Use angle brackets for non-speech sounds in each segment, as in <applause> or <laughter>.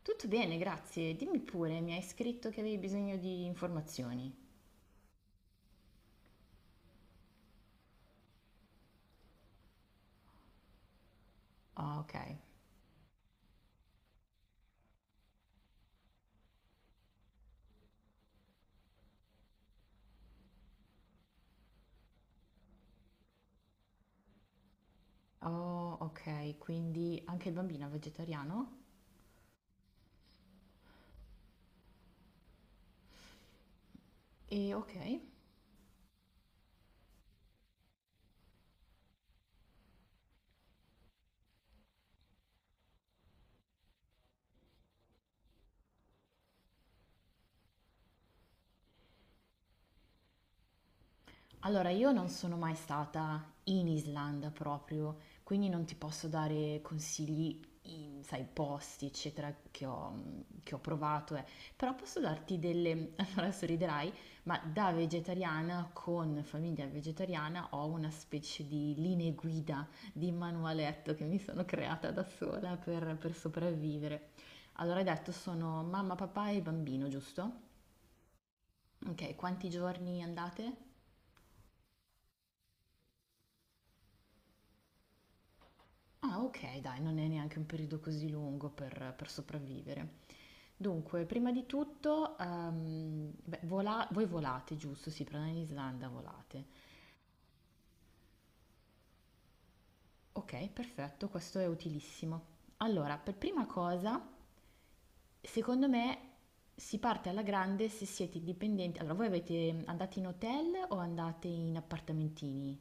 Tutto bene, grazie. Dimmi pure, mi hai scritto che avevi bisogno di informazioni. Ah, ok. Oh, ok, quindi anche il bambino è vegetariano? E ok. Allora, io non sono mai stata in Islanda proprio, quindi non ti posso dare consigli in, sai, posti, eccetera, che ho provato, eh. Però posso darti <laughs> Allora, sorriderai, ma da vegetariana, con famiglia vegetariana, ho una specie di linee guida, di manualetto che mi sono creata da sola per sopravvivere. Allora, hai detto, sono mamma, papà e bambino, giusto? Ok, quanti giorni andate? Ah, ok, dai, non è neanche un periodo così lungo per sopravvivere. Dunque, prima di tutto, beh, voi volate, giusto? Sì, però in Islanda volate. Ok, perfetto, questo è utilissimo. Allora, per prima cosa, secondo me si parte alla grande se siete dipendenti. Allora, andate in hotel o andate in appartamentini?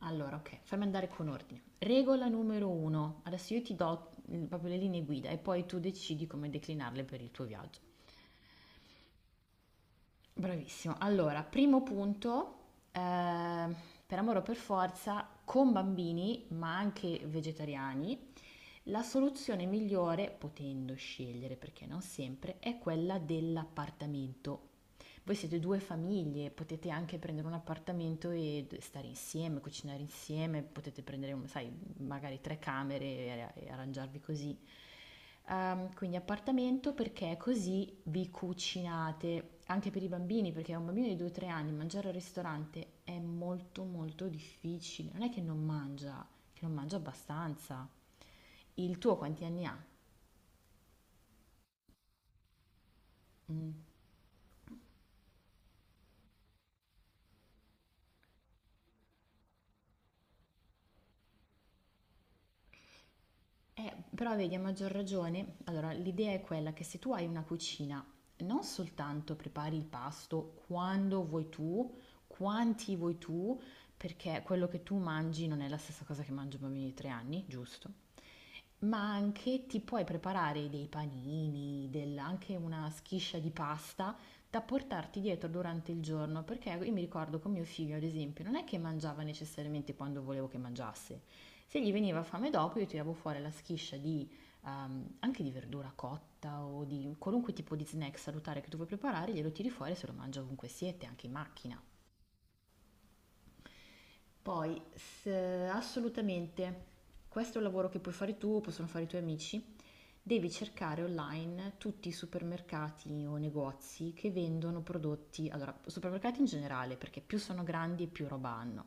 Allora, ok, fammi andare con ordine. Regola numero uno. Adesso io ti do proprio le linee guida e poi tu decidi come declinarle per il tuo viaggio. Bravissimo. Allora, primo punto, eh, per amore o per forza, con bambini, ma anche vegetariani, la soluzione migliore, potendo scegliere perché non sempre, è quella dell'appartamento. Voi siete due famiglie, potete anche prendere un appartamento e stare insieme, cucinare insieme, potete prendere, sai, magari tre camere e arrangiarvi così. Quindi appartamento perché così vi cucinate anche per i bambini, perché a un bambino di 2-3 anni mangiare al ristorante è molto molto difficile. Non è che non mangia abbastanza. Il tuo quanti anni ha? Mm. Però vedi, a maggior ragione, allora l'idea è quella che se tu hai una cucina, non soltanto prepari il pasto quando vuoi tu, quanti vuoi tu, perché quello che tu mangi non è la stessa cosa che mangia un bambino di 3 anni, giusto? Ma anche ti puoi preparare dei panini, anche una schiscia di pasta da portarti dietro durante il giorno, perché io mi ricordo con mio figlio, ad esempio, non è che mangiava necessariamente quando volevo che mangiasse. Se gli veniva fame dopo, io tiravo fuori la schiscia anche di verdura cotta o di qualunque tipo di snack salutare che tu vuoi preparare, glielo tiri fuori e se lo mangia ovunque siete, anche in macchina. Poi, se assolutamente questo è un lavoro che puoi fare tu, possono fare i tuoi amici, devi cercare online tutti i supermercati o negozi che vendono prodotti, allora, supermercati in generale, perché più sono grandi e più roba hanno.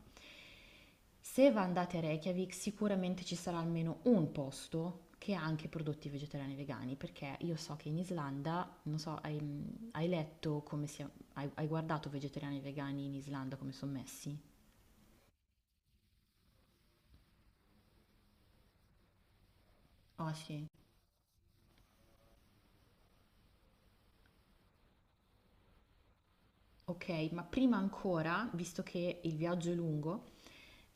Se va- andate a Reykjavik, sicuramente ci sarà almeno un posto che ha anche prodotti vegetariani e vegani, perché io so che in Islanda, non so, hai letto come si, hai guardato vegetariani e vegani in Islanda come sono messi? Ah sì. Ok, ma prima ancora, visto che il viaggio è lungo,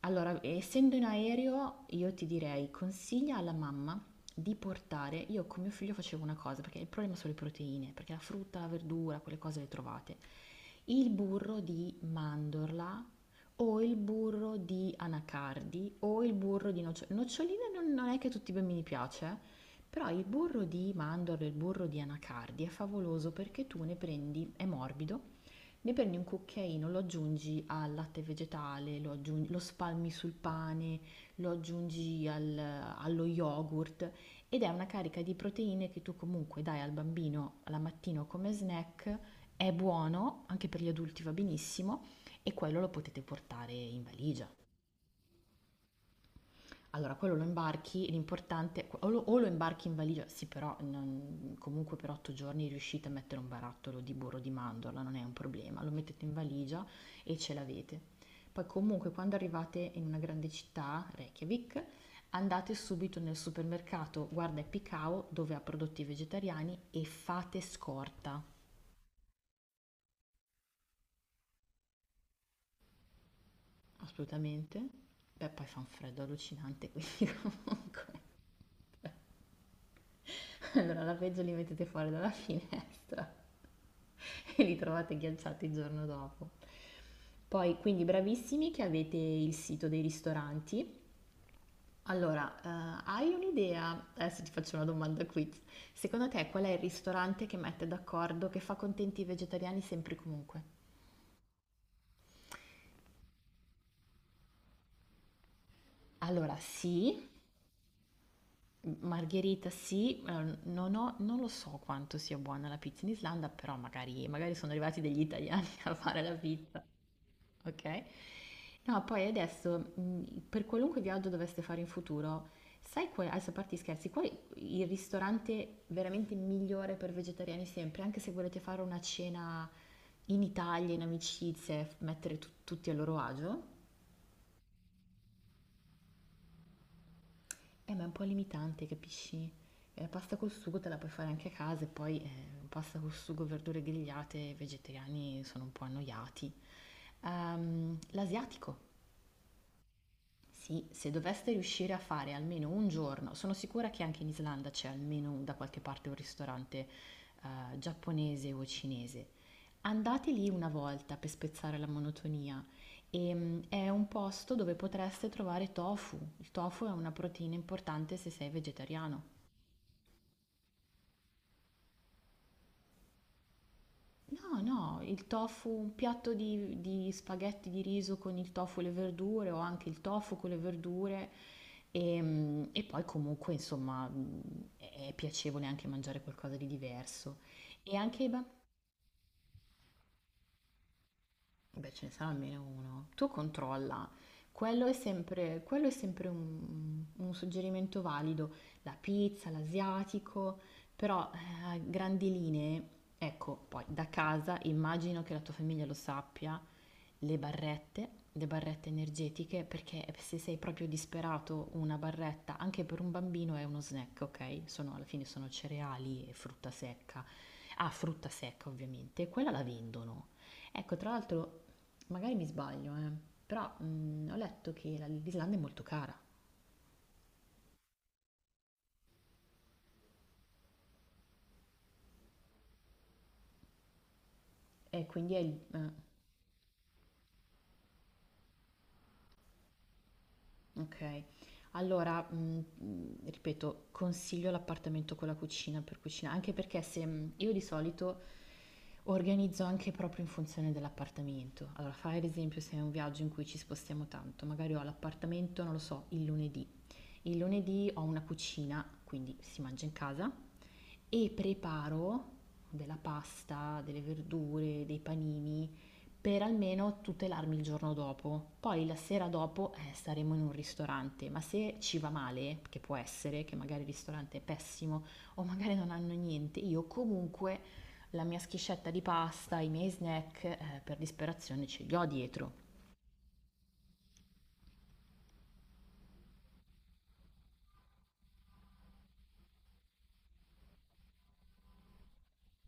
allora, essendo in aereo, io ti direi, consiglia alla mamma di portare, io con mio figlio facevo una cosa, perché il problema sono le proteine, perché la frutta, la verdura, quelle cose le trovate, il burro di mandorla o il burro di anacardi o il burro di noccioline. Noccioline non è che a tutti i bambini piace, però il burro di mandorla, il burro di anacardi è favoloso perché tu ne prendi, è morbido, ne prendi un cucchiaino, lo aggiungi al latte vegetale, lo spalmi sul pane, allo yogurt ed è una carica di proteine che tu comunque dai al bambino la mattina o come snack. È buono, anche per gli adulti va benissimo e quello lo potete portare in valigia. Allora, quello lo imbarchi, l'importante o lo imbarchi in valigia, sì, però comunque per 8 giorni riuscite a mettere un barattolo di burro di mandorla, non è un problema, lo mettete in valigia e ce l'avete. Poi comunque quando arrivate in una grande città, Reykjavik, andate subito nel supermercato Guarda e Picao dove ha prodotti vegetariani e fate scorta, assolutamente. Beh, poi fa un freddo allucinante, quindi <laughs> comunque. Allora la peggio li mettete fuori dalla <laughs> finestra. <laughs> E li trovate ghiacciati il giorno dopo. Poi, quindi bravissimi che avete il sito dei ristoranti. Allora, hai un'idea? Adesso ti faccio una domanda quiz. Secondo te qual è il ristorante che mette d'accordo, che fa contenti i vegetariani sempre e comunque? Allora, sì. Margherita sì, non lo so quanto sia buona la pizza in Islanda, però magari, magari sono arrivati degli italiani <laughs> a fare la pizza. Ok? No, poi adesso, per qualunque viaggio doveste fare in futuro, sai adesso a parte gli scherzi, qual è il ristorante veramente migliore per vegetariani sempre, anche se volete fare una cena in Italia, in amicizie, mettere tutti a loro agio? Ma è un po' limitante, capisci? Pasta col sugo te la puoi fare anche a casa e poi pasta col sugo, verdure grigliate, i vegetariani sono un po' annoiati. L'asiatico. Sì, se doveste riuscire a fare almeno un giorno, sono sicura che anche in Islanda c'è almeno da qualche parte un ristorante giapponese o cinese. Andate lì una volta per spezzare la monotonia. E, è un posto dove potreste trovare tofu. Il tofu è una proteina importante se sei vegetariano. No, no, il tofu, un piatto di spaghetti di riso con il tofu e le verdure o anche il tofu con le verdure e poi comunque insomma è piacevole anche mangiare qualcosa di diverso. E anche i bambini. Beh, ce ne sarà almeno uno. Tu controlla. Quello è sempre un suggerimento valido. La pizza, l'asiatico, però a grandi linee, ecco, poi da casa immagino che la tua famiglia lo sappia, le barrette energetiche, perché se sei proprio disperato, una barretta anche per un bambino è uno snack, ok? Sono, alla fine sono cereali e frutta secca. Ah, frutta secca ovviamente, quella la vendono. Ecco, tra l'altro, magari mi sbaglio, però ho letto che l'Islanda è molto cara e quindi ok, allora, ripeto, consiglio l'appartamento con la cucina per cucinare, anche perché se mm, io di solito organizzo anche proprio in funzione dell'appartamento. Allora, fai ad esempio se è un viaggio in cui ci spostiamo tanto, magari ho l'appartamento, non lo so, il lunedì. Il lunedì ho una cucina, quindi si mangia in casa. E preparo della pasta, delle verdure, dei panini per almeno tutelarmi il giorno dopo. Poi la sera dopo staremo in un ristorante, ma se ci va male, che può essere, che magari il ristorante è pessimo o magari non hanno niente, io comunque la mia schiscetta di pasta, i miei snack, per disperazione ce li ho dietro.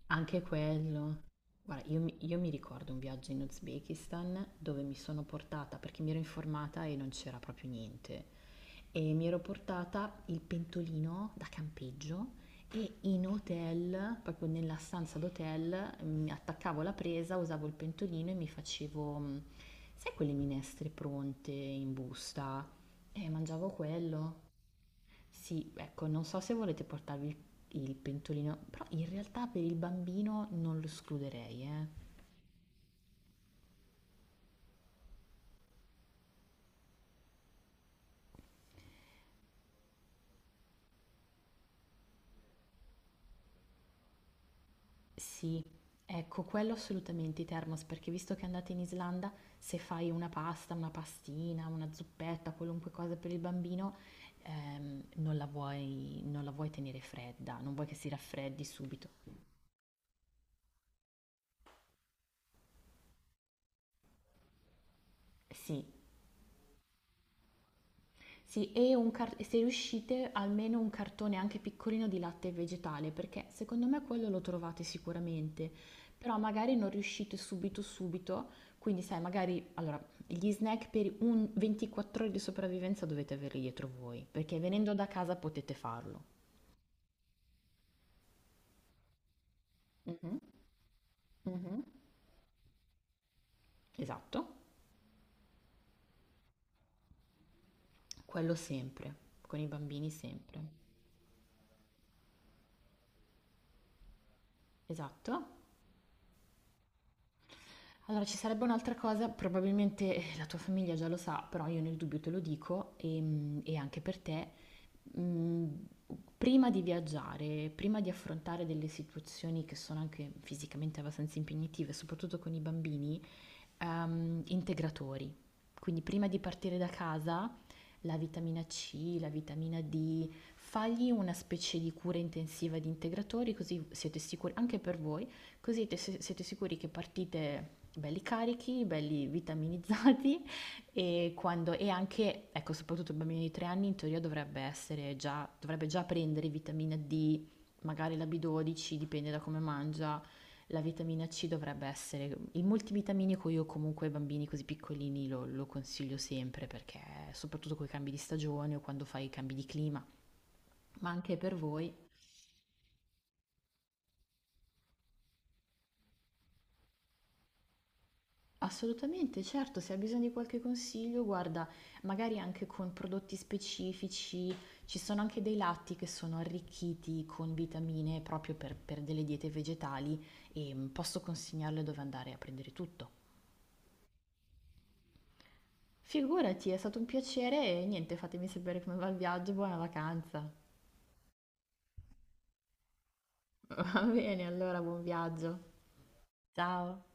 Anche quello. Guarda, io mi ricordo un viaggio in Uzbekistan dove mi sono portata, perché mi ero informata e non c'era proprio niente, e mi ero portata il pentolino da campeggio e in hotel, proprio nella stanza d'hotel, mi attaccavo la presa, usavo il pentolino e mi facevo, sai quelle minestre pronte in busta? E mangiavo quello. Sì, ecco, non so se volete portarvi il pentolino, però in realtà per il bambino non lo escluderei, eh. Sì, ecco, quello assolutamente i thermos, perché visto che andate in Islanda, se fai una pasta, una pastina, una zuppetta, qualunque cosa per il bambino, non la vuoi, non la vuoi tenere fredda, non vuoi che si raffreddi subito. Sì. Sì, e se riuscite almeno un cartone anche piccolino di latte vegetale, perché secondo me quello lo trovate sicuramente, però magari non riuscite subito subito, quindi sai, magari allora gli snack per un 24 ore di sopravvivenza dovete averli dietro voi, perché venendo da casa potete farlo. Mhm, mhm. Esatto, quello sempre, con i bambini sempre. Esatto. Allora, ci sarebbe un'altra cosa, probabilmente la tua famiglia già lo sa, però io nel dubbio te lo dico e, anche per te. mm, prima di viaggiare, prima di affrontare delle situazioni che sono anche fisicamente abbastanza impegnative, soprattutto con i bambini, integratori. Quindi prima di partire da casa, la vitamina C, la vitamina D, fagli una specie di cura intensiva di integratori, così siete sicuri, anche per voi, così siete sicuri che partite belli carichi, belli vitaminizzati <laughs> e, quando, e anche, ecco, soprattutto il bambino di 3 anni in teoria dovrebbe già prendere vitamina D, magari la B12, dipende da come mangia, la vitamina C dovrebbe essere il multivitaminico. Io comunque ai bambini così piccolini lo consiglio sempre perché soprattutto con i cambi di stagione o quando fai i cambi di clima, ma anche per voi. Assolutamente, certo, se hai bisogno di qualche consiglio, guarda, magari anche con prodotti specifici, ci sono anche dei latti che sono arricchiti con vitamine proprio per delle diete vegetali e posso consigliarle dove andare a prendere tutto. Figurati, è stato un piacere e niente, fatemi sapere come va il viaggio, buona vacanza. <laughs> Va bene, allora buon viaggio. Ciao.